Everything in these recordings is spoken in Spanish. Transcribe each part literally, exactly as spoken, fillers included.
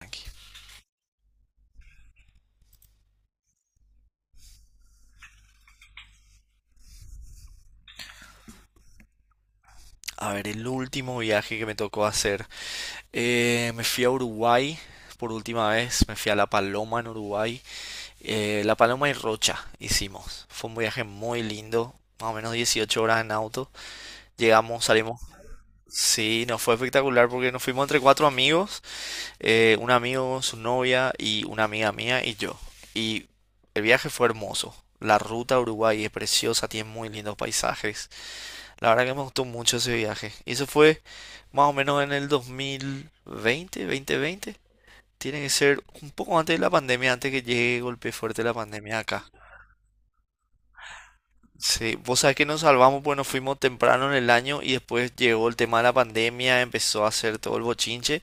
Aquí. A ver, el último viaje que me tocó hacer. eh, me fui a Uruguay por última vez. Me fui a La Paloma en Uruguay. Eh, La Paloma y Rocha hicimos. Fue un viaje muy lindo. Más o menos dieciocho horas en auto. Llegamos, salimos. Sí, nos fue espectacular porque nos fuimos entre cuatro amigos. eh, un amigo, su novia y una amiga mía y yo. Y el viaje fue hermoso. La ruta a Uruguay es preciosa, tiene muy lindos paisajes. La verdad que me gustó mucho ese viaje. Y eso fue más o menos en el dos mil veinte, dos mil veinte. Tiene que ser un poco antes de la pandemia, antes que llegue golpe fuerte la pandemia acá. Sí, vos sabés que nos salvamos porque nos fuimos temprano en el año y después llegó el tema de la pandemia, empezó a hacer todo el bochinche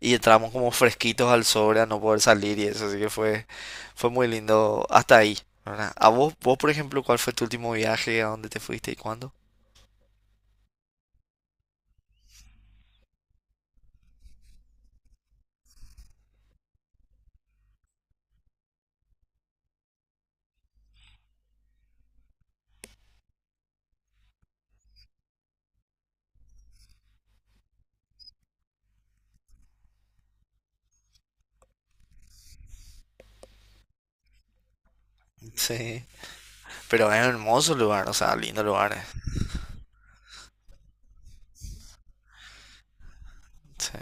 y entramos como fresquitos al sobre a no poder salir y eso, así que fue, fue muy lindo hasta ahí, ¿verdad? A vos, vos, por ejemplo, ¿cuál fue tu último viaje? ¿A dónde te fuiste y cuándo? Sí, pero es un hermoso lugar, o sea, lindo lugar. eh. Sí.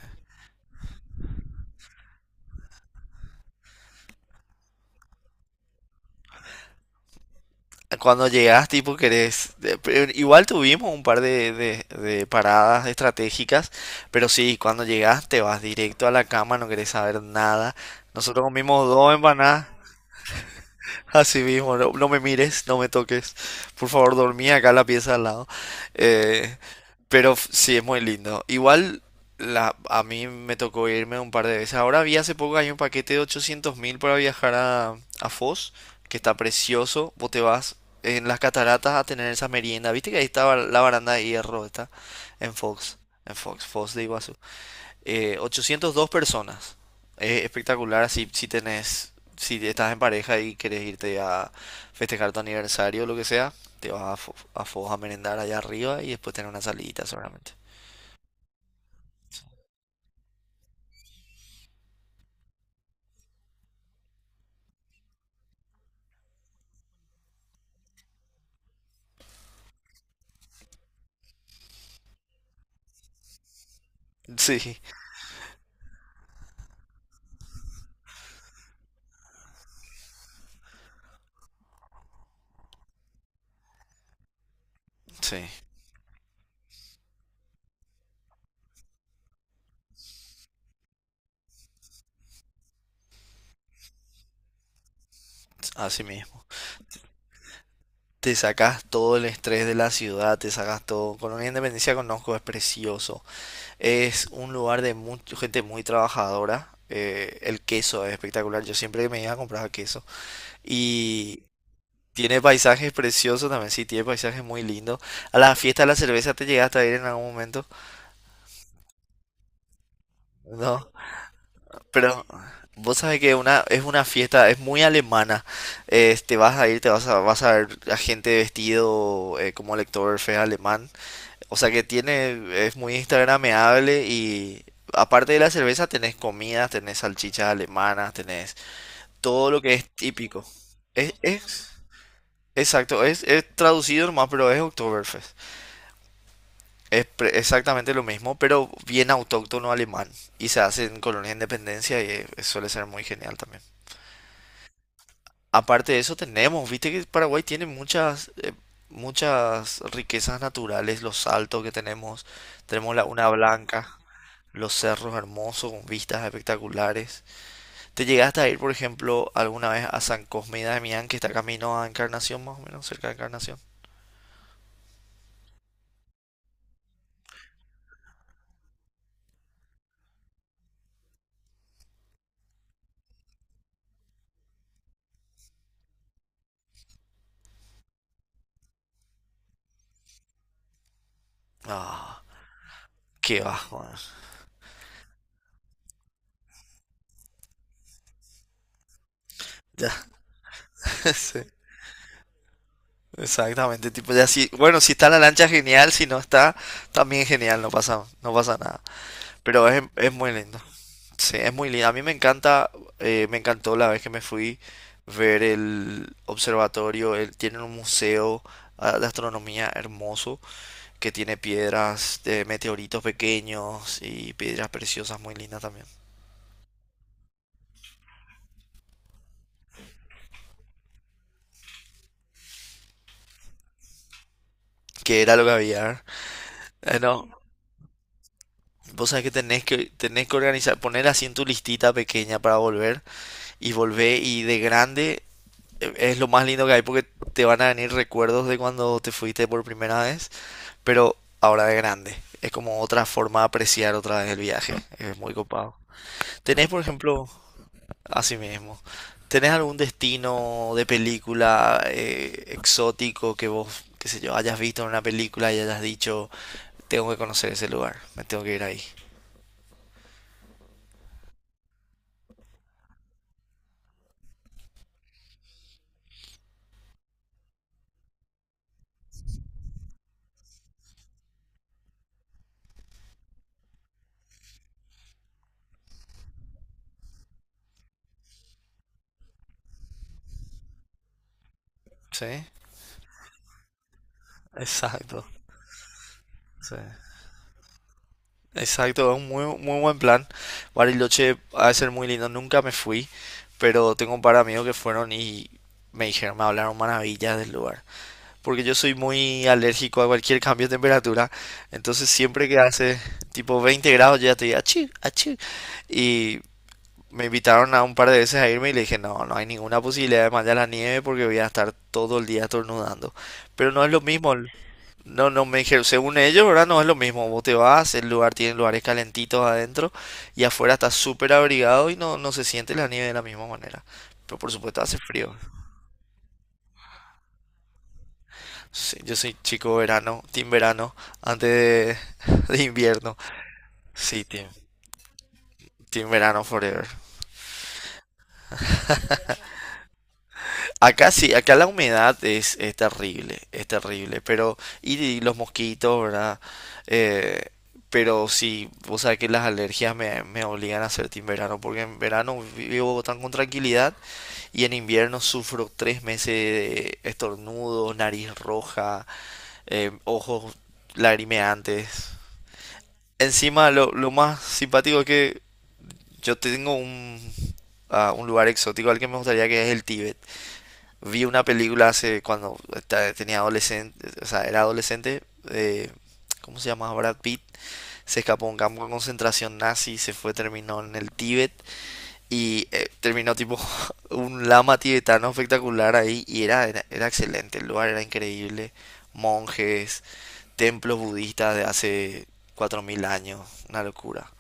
Cuando llegas, tipo, querés. de- pe- Igual tuvimos un par de, de- de paradas estratégicas, pero sí, cuando llegas te vas directo a la cama, no querés saber nada. Nosotros comimos dos empanadas. Así mismo, no, no me mires, no me toques. Por favor, dormí acá en la pieza al lado. Eh, pero f- sí, es muy lindo. Igual la, a mí me tocó irme un par de veces. Ahora vi hace poco que hay un paquete de ochocientos mil para viajar a, a, Foz, que está precioso. Vos te vas en las cataratas a tener esa merienda. ¿Viste que ahí estaba la baranda de hierro? Está en Fox, en Fox, Foz de Iguazú. Eh, ochocientas dos personas. Es espectacular si, si tenés, si estás en pareja y querés irte a festejar tu aniversario o lo que sea, te vas a, Fo- a Foz a merendar allá arriba y después tener una salidita seguramente. Sí, sí, así mismo. Te sacas todo el estrés de la ciudad, te sacas todo. Colonia Independencia conozco, es precioso. Es un lugar de mucha gente muy trabajadora. eh, el queso es espectacular. Yo siempre me iba a comprar queso. Y tiene paisajes preciosos también, sí, tiene paisajes muy lindos. A la fiesta de la cerveza te llegaste a ir en algún momento, ¿no? Pero vos sabés que una, es una fiesta, es muy alemana. Eh, te vas a ir, te vas a, vas a ver a gente vestido eh, como lector feo alemán. O sea que tiene, es muy instagrameable y aparte de la cerveza tenés comidas, tenés salchichas alemanas, tenés todo lo que es típico. Es, es, exacto, es, es traducido nomás, pero es Oktoberfest. Es pre- exactamente lo mismo, pero bien autóctono alemán. Y se hace en Colonia Independencia y eh, suele ser muy genial también. Aparte de eso tenemos, viste que Paraguay tiene muchas, eh, muchas riquezas naturales, los saltos que tenemos, tenemos la una Blanca, los cerros hermosos con vistas espectaculares. ¿Te llegaste a ir, por ejemplo, alguna vez a San Cosme y Damián, que está camino a Encarnación, más o menos, cerca de Encarnación? Ah, qué bajo, eh. Ya, sí. Exactamente, tipo ya si, bueno, si está la lancha genial, si no está, también genial, no pasa, no pasa nada. Pero es, es muy lindo. Sí, es muy lindo. A mí me encanta, eh, me encantó la vez que me fui ver el observatorio. Él tiene un museo ah, de astronomía hermoso que tiene piedras de meteoritos pequeños y piedras preciosas muy lindas también. Que era lo que había. Eh, no, vos sabés que tenés que tenés que organizar, poner así en tu listita pequeña para volver y volvé y de grande eh, es lo más lindo que hay porque te van a venir recuerdos de cuando te fuiste por primera vez, pero ahora de grande. Es como otra forma de apreciar otra vez el viaje. Es muy copado. ¿Tenés, por ejemplo, así mismo, tenés algún destino de película eh, exótico que vos, qué sé yo, hayas visto en una película y hayas dicho, tengo que conocer ese lugar, me tengo que ir ahí? Sí, exacto. Sí. Exacto, es un muy, muy buen plan. Bariloche ha de ser muy lindo. Nunca me fui, pero tengo un par de amigos que fueron y me dijeron, me hablaron maravillas del lugar. Porque yo soy muy alérgico a cualquier cambio de temperatura. Entonces siempre que hace tipo veinte grados yo ya te digo, achí, achí. Y me invitaron a un par de veces a irme y le dije, no, no hay ninguna posibilidad de mandar la nieve porque voy a estar todo el día estornudando. Pero no es lo mismo. No, no, me dijeron, según ellos, ¿verdad? No es lo mismo. Vos te vas, el lugar tiene lugares calentitos adentro y afuera está súper abrigado y no, no se siente la nieve de la misma manera. Pero por supuesto hace frío. Sí, yo soy chico verano, team verano, antes de, de invierno. Sí, team, team, verano forever. Acá sí, acá la humedad es, es terrible, es terrible, pero y, y los mosquitos, ¿verdad? Eh, pero sí, o sea que las alergias me, me obligan a hacer en verano, porque en verano vivo tan con tranquilidad y en invierno sufro tres meses de estornudos, nariz roja, eh, ojos lagrimeantes. Encima lo, lo más simpático es que yo tengo un, ah, un lugar exótico al que me gustaría que es el Tíbet. Vi una película hace cuando esta- tenía adolescente, o sea, era adolescente, eh, ¿cómo se llama? Brad Pitt. Se escapó a un campo de concentración nazi, se fue, terminó en el Tíbet y eh, terminó tipo un lama tibetano espectacular ahí y era, era, era excelente, el lugar era increíble. Monjes, templos budistas de hace cuatro mil años, una locura.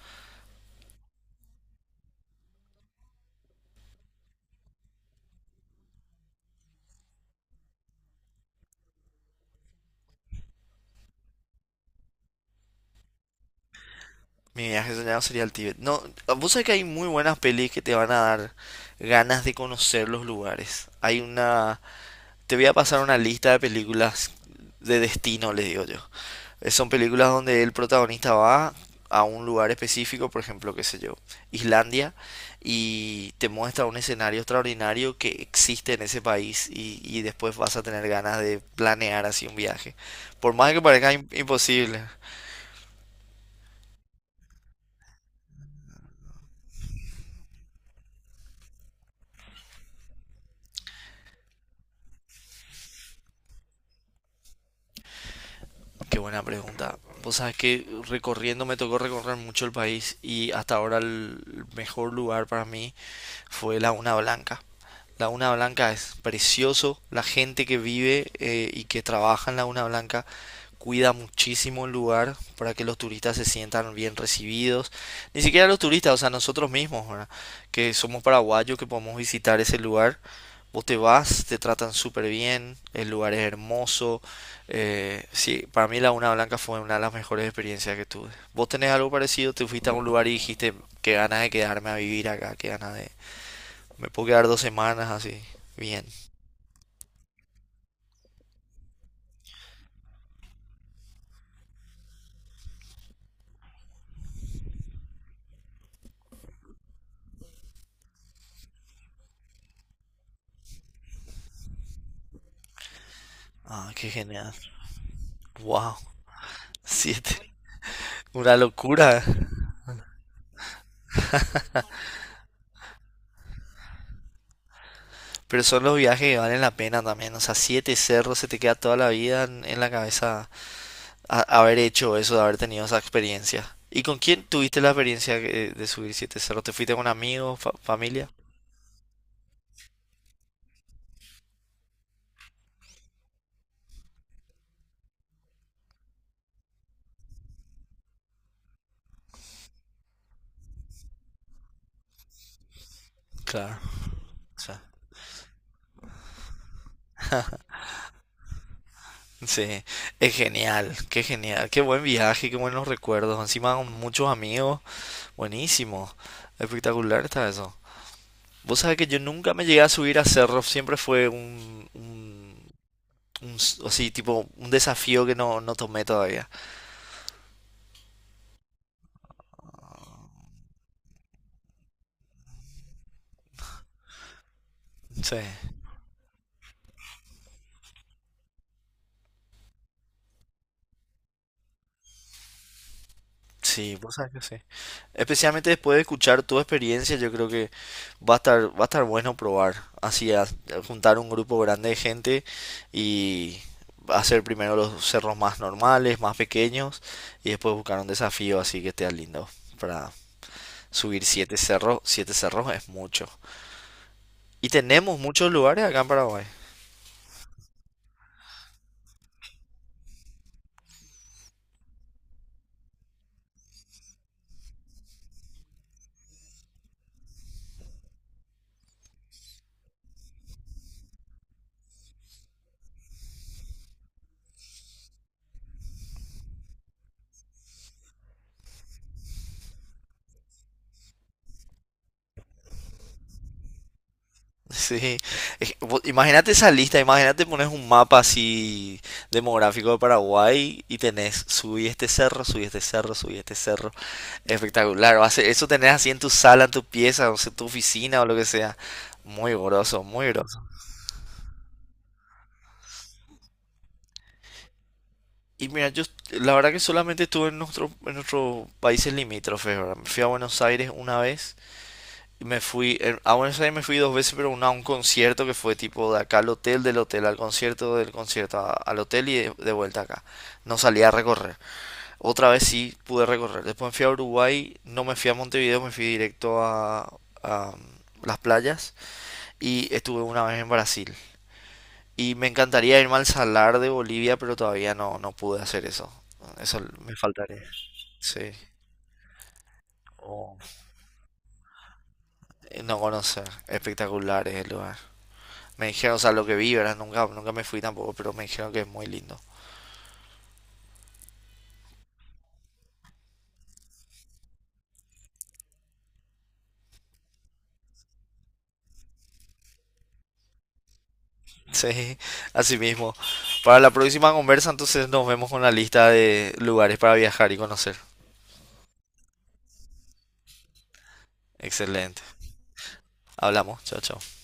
Mi viaje soñado sería el Tíbet. No, vos sabés que hay muy buenas pelis que te van a dar ganas de conocer los lugares. Hay una. Te voy a pasar una lista de películas de destino, le digo yo. Eh, Son películas donde el protagonista va a un lugar específico, por ejemplo, qué sé yo, Islandia, y te muestra un escenario extraordinario que existe en ese país y, y después vas a tener ganas de planear así un viaje. Por más que parezca im- imposible. Qué buena pregunta. Vos sabés que recorriendo me tocó recorrer mucho el país y hasta ahora el mejor lugar para mí fue la una Blanca. La una Blanca es precioso, la gente que vive eh, y que trabaja en la una Blanca cuida muchísimo el lugar para que los turistas se sientan bien recibidos. Ni siquiera los turistas, o sea, nosotros mismos, ¿verdad? Que somos paraguayos, que podemos visitar ese lugar. Vos te vas, te tratan súper bien, el lugar es hermoso. Eh, sí, para mí la una Blanca fue una de las mejores experiencias que tuve. ¿Vos tenés algo parecido? ¿Te fuiste a un lugar y dijiste que ganas de quedarme a vivir acá, que ganas de, me puedo quedar dos semanas así? Bien. Ah, qué genial. Wow. Siete. Una locura. Pero son los viajes que valen la pena también. O sea, siete cerros se te queda toda la vida en, en, la cabeza a- haber hecho eso, de haber tenido esa experiencia. ¿Y con quién tuviste la experiencia que- de subir siete cerros? ¿Te fuiste con amigos, fa- familia? Claro. O sea, sí. Es genial. Qué genial. Qué buen viaje, qué buenos recuerdos. Encima con muchos amigos. Buenísimo. Espectacular está eso. Vos sabés que yo nunca me llegué a subir a cerros, siempre fue un, un, un s- así, tipo, un desafío que no, no tomé todavía. Sí, sí, vos sabés que sí. Especialmente después de escuchar tu experiencia, yo creo que va a estar, va a estar bueno probar, así, a- a juntar un grupo grande de gente y hacer primero los cerros más normales, más pequeños, y después buscar un desafío así que esté lindo para subir siete cerros, siete cerros es mucho. Y tenemos muchos lugares acá en Paraguay. Sí, es que, vos- imagínate esa lista, imagínate pones un mapa así demográfico de Paraguay y tenés subí este cerro, subí este cerro, subí este cerro. Espectacular, va a ser- eso tenés así en tu sala, en tu pieza, o sea, tu oficina o lo que sea. Muy groso, muy groso. Y mira, yo la verdad que solamente estuve en nuestro, en nuestros países limítrofes, ¿verdad? Me fui a Buenos Aires una vez. Me fui, eh, a Buenos Aires me fui dos veces, pero una a un concierto que fue tipo de acá al hotel, del hotel al concierto, del concierto a- al hotel y de, de vuelta acá. No salí a recorrer. Otra vez sí pude recorrer. Después me fui a Uruguay, no me fui a Montevideo, me fui directo a, a mm, las playas y estuve una vez en Brasil. Y me encantaría irme al Salar de Bolivia, pero todavía no, no pude hacer eso. Eso me faltaría. Sí. Oh, Eh, no conocer. Espectacular es el lugar. Me dijeron, o sea, lo que vi, ¿verdad? Nunca, nunca me fui tampoco, pero me dijeron que es muy lindo. Sí, así mismo. Para la próxima conversa, entonces nos vemos con la lista de lugares para viajar y conocer. Excelente. Hablamos. Chao, chao.